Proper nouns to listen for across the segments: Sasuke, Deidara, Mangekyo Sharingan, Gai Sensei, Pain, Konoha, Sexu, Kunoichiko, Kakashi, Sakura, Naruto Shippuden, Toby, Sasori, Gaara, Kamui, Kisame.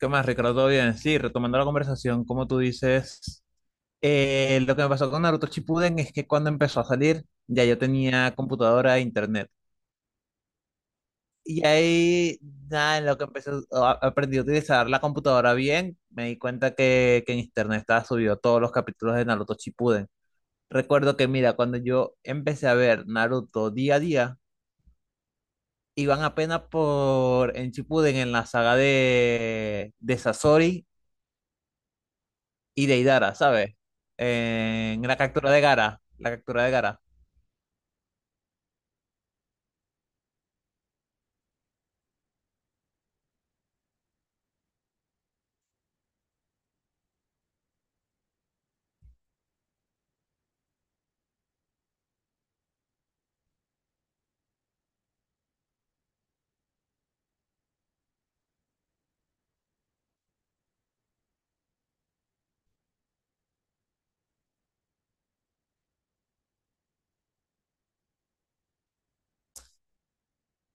¿Qué más, Ricardo? ¿Todo bien? Sí, retomando la conversación, como tú dices, lo que me pasó con Naruto Shippuden es que cuando empezó a salir, ya yo tenía computadora e internet. Y ahí, nada, en lo que empecé, aprendí a utilizar la computadora bien, me di cuenta que en internet estaba subido todos los capítulos de Naruto Shippuden. Recuerdo que, mira, cuando yo empecé a ver Naruto día a día, iban apenas por en Shippuden, en la saga de Sasori y Deidara, ¿sabes? En la captura de Gara, la captura de Gara.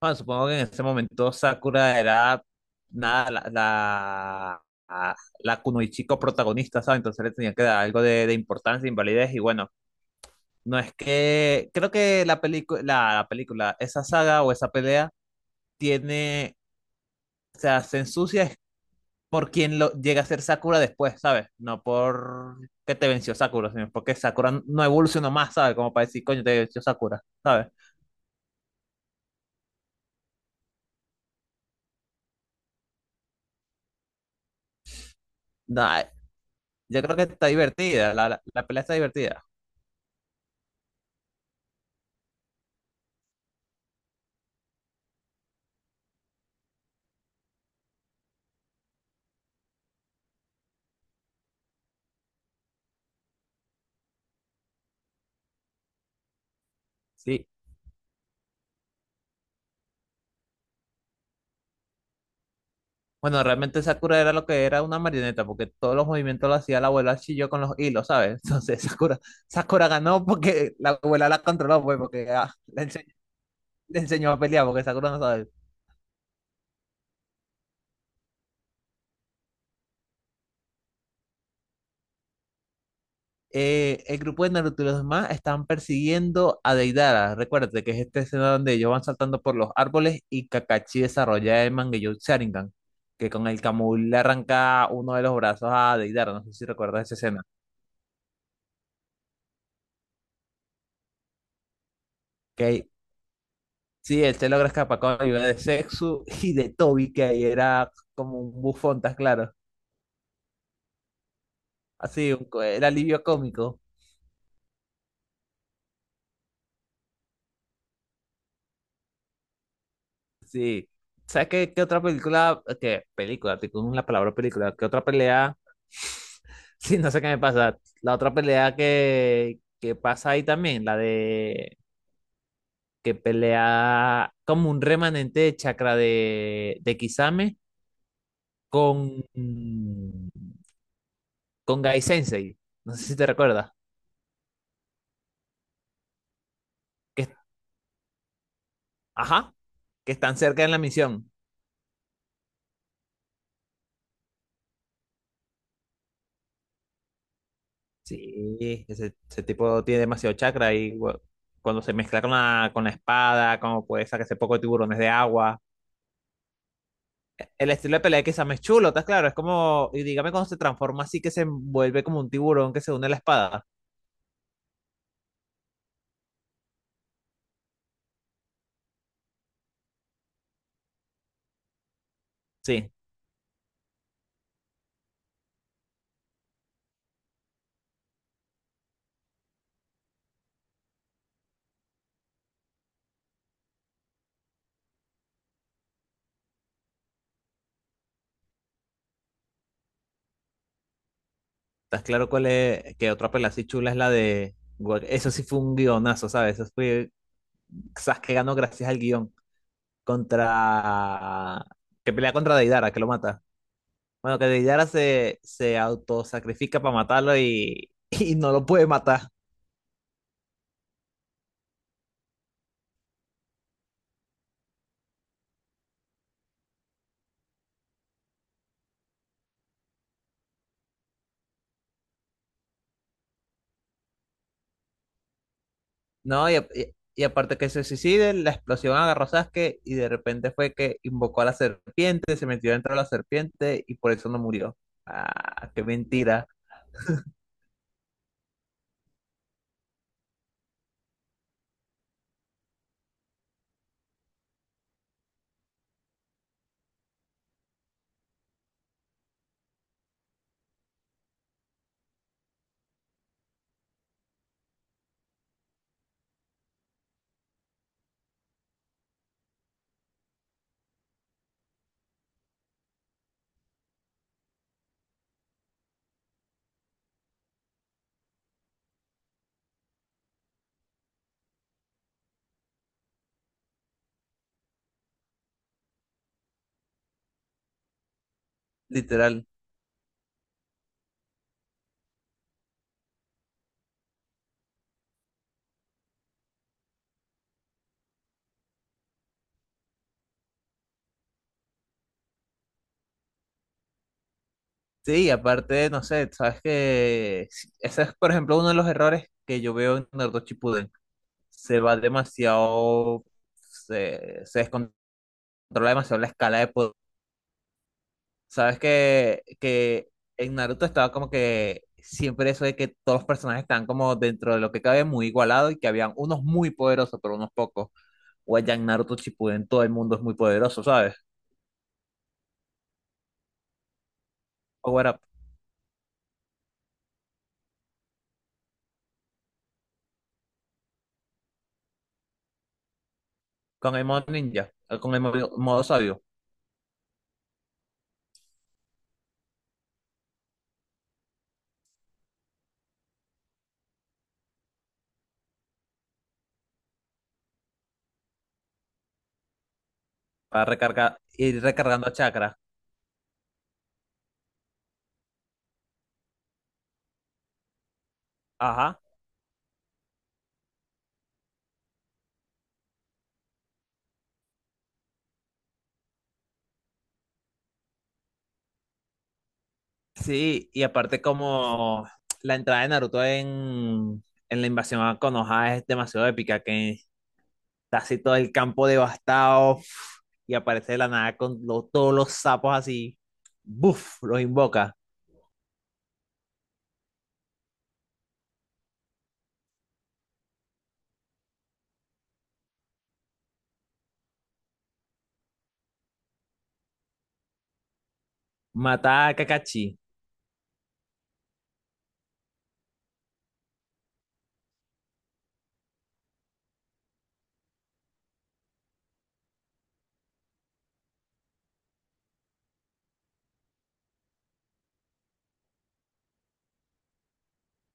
Bueno, supongo que en ese momento Sakura era nada, la la Kunoichiko protagonista, ¿sabes? Entonces le tenía que dar algo de importancia, invalidez, y bueno, no es que, creo que la película, la película, esa saga o esa pelea tiene, o sea, se ensucia es por quien lo llega a ser Sakura después, ¿sabes? No por que te venció Sakura, sino porque Sakura no evolucionó más, ¿sabes? Como para decir, coño, te venció Sakura, ¿sabes? No, yo creo que está divertida, la pelea está divertida. Sí. Bueno, realmente Sakura era lo que era una marioneta, porque todos los movimientos lo hacía la abuela Chilló con los hilos, ¿sabes? Entonces Sakura, Sakura ganó porque la abuela la controló, pues, porque ah, le enseñó a pelear, porque Sakura no sabe. El grupo de Naruto y los demás están persiguiendo a Deidara. Recuérdate que es esta escena donde ellos van saltando por los árboles y Kakashi desarrolla el Mangekyo Sharingan, que con el Kamui le arranca uno de los brazos a Deidara. No sé si recuerdas esa escena. Que sí, él se logra escapar con la ayuda de Sexu y de Toby, que ahí era como un bufón, ¿estás claro? Así, un, era alivio cómico. Sí. ¿Sabes qué, qué otra película? ¿Qué película? Te con la palabra película. ¿Qué otra pelea? Sí, no sé qué me pasa. La otra pelea que pasa ahí también, la de que pelea como un remanente de chakra de Kisame con, con Gai Sensei. No sé si te recuerdas. Que ajá, que están cerca en la misión. Sí. Ese tipo tiene demasiado chakra y cuando se mezcla con la espada, como puede sacarse poco de tiburones de agua. El estilo de pelea de Sam es chulo, ¿estás claro? Es como, y dígame cuando se transforma así que se vuelve como un tiburón que se une a la espada. Sí, ¿estás claro cuál es? Que otra pelea así chula es la de... Eso sí fue un guionazo, ¿sabes? Eso fue Sasuke ganó gracias al guión contra... que pelea contra Deidara, que lo mata. Bueno, que Deidara se autosacrifica para matarlo y, y no lo puede matar. No, y, y aparte que se suicide, la explosión agarró a Sasuke y de repente fue que invocó a la serpiente, se metió dentro de la serpiente y por eso no murió. Ah, qué mentira, literal. Sí, y aparte, no sé, sabes que ese es, por ejemplo, uno de los errores que yo veo en Naruto Shippuden. Se va demasiado, se descontrola demasiado la escala de poder. Sabes que en Naruto estaba como que siempre eso de que todos los personajes están como dentro de lo que cabe muy igualado y que habían unos muy poderosos, pero unos pocos. O allá en Naruto Shippuden todo el mundo es muy poderoso, ¿sabes? Power up con el modo ninja, con el modo, modo sabio, para recargar, ir recargando chakra. Ajá. Sí, y aparte como la entrada de Naruto en la invasión a Konoha es demasiado épica, que está así todo el campo devastado uf, y aparece de la nada con todos los sapos así, ¡buf! Los invoca. Mata a Kakashi.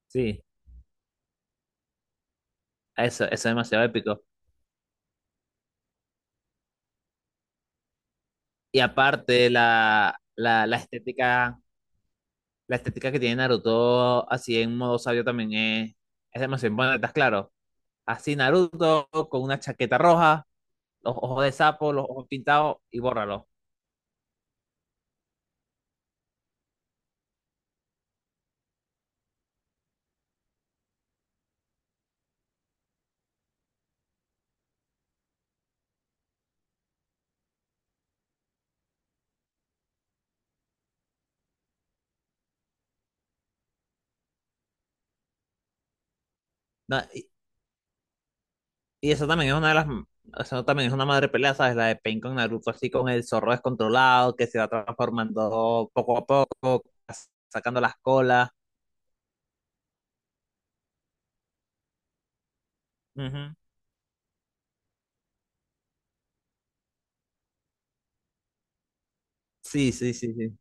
Sí, eso es demasiado épico. Y aparte, la estética, la estética que tiene Naruto, así en modo sabio también es demasiado importante, ¿estás claro? Así Naruto con una chaqueta roja, los ojos de sapo, los ojos pintados y bórralo. No, y esa también es una de las, esa también es una madre pelea, ¿sabes? La de Pain con Naruto, así con el zorro descontrolado, que se va transformando poco a poco, sacando las colas. Ujú. Sí, sí, sí, sí.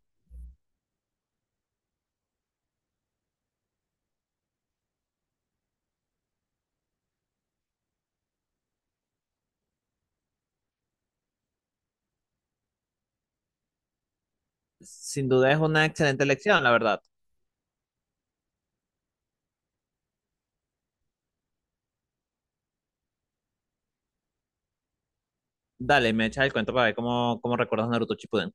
Sin duda es una excelente elección, la verdad. Dale, me echa el cuento para ver cómo, cómo recuerdas Naruto Shippuden.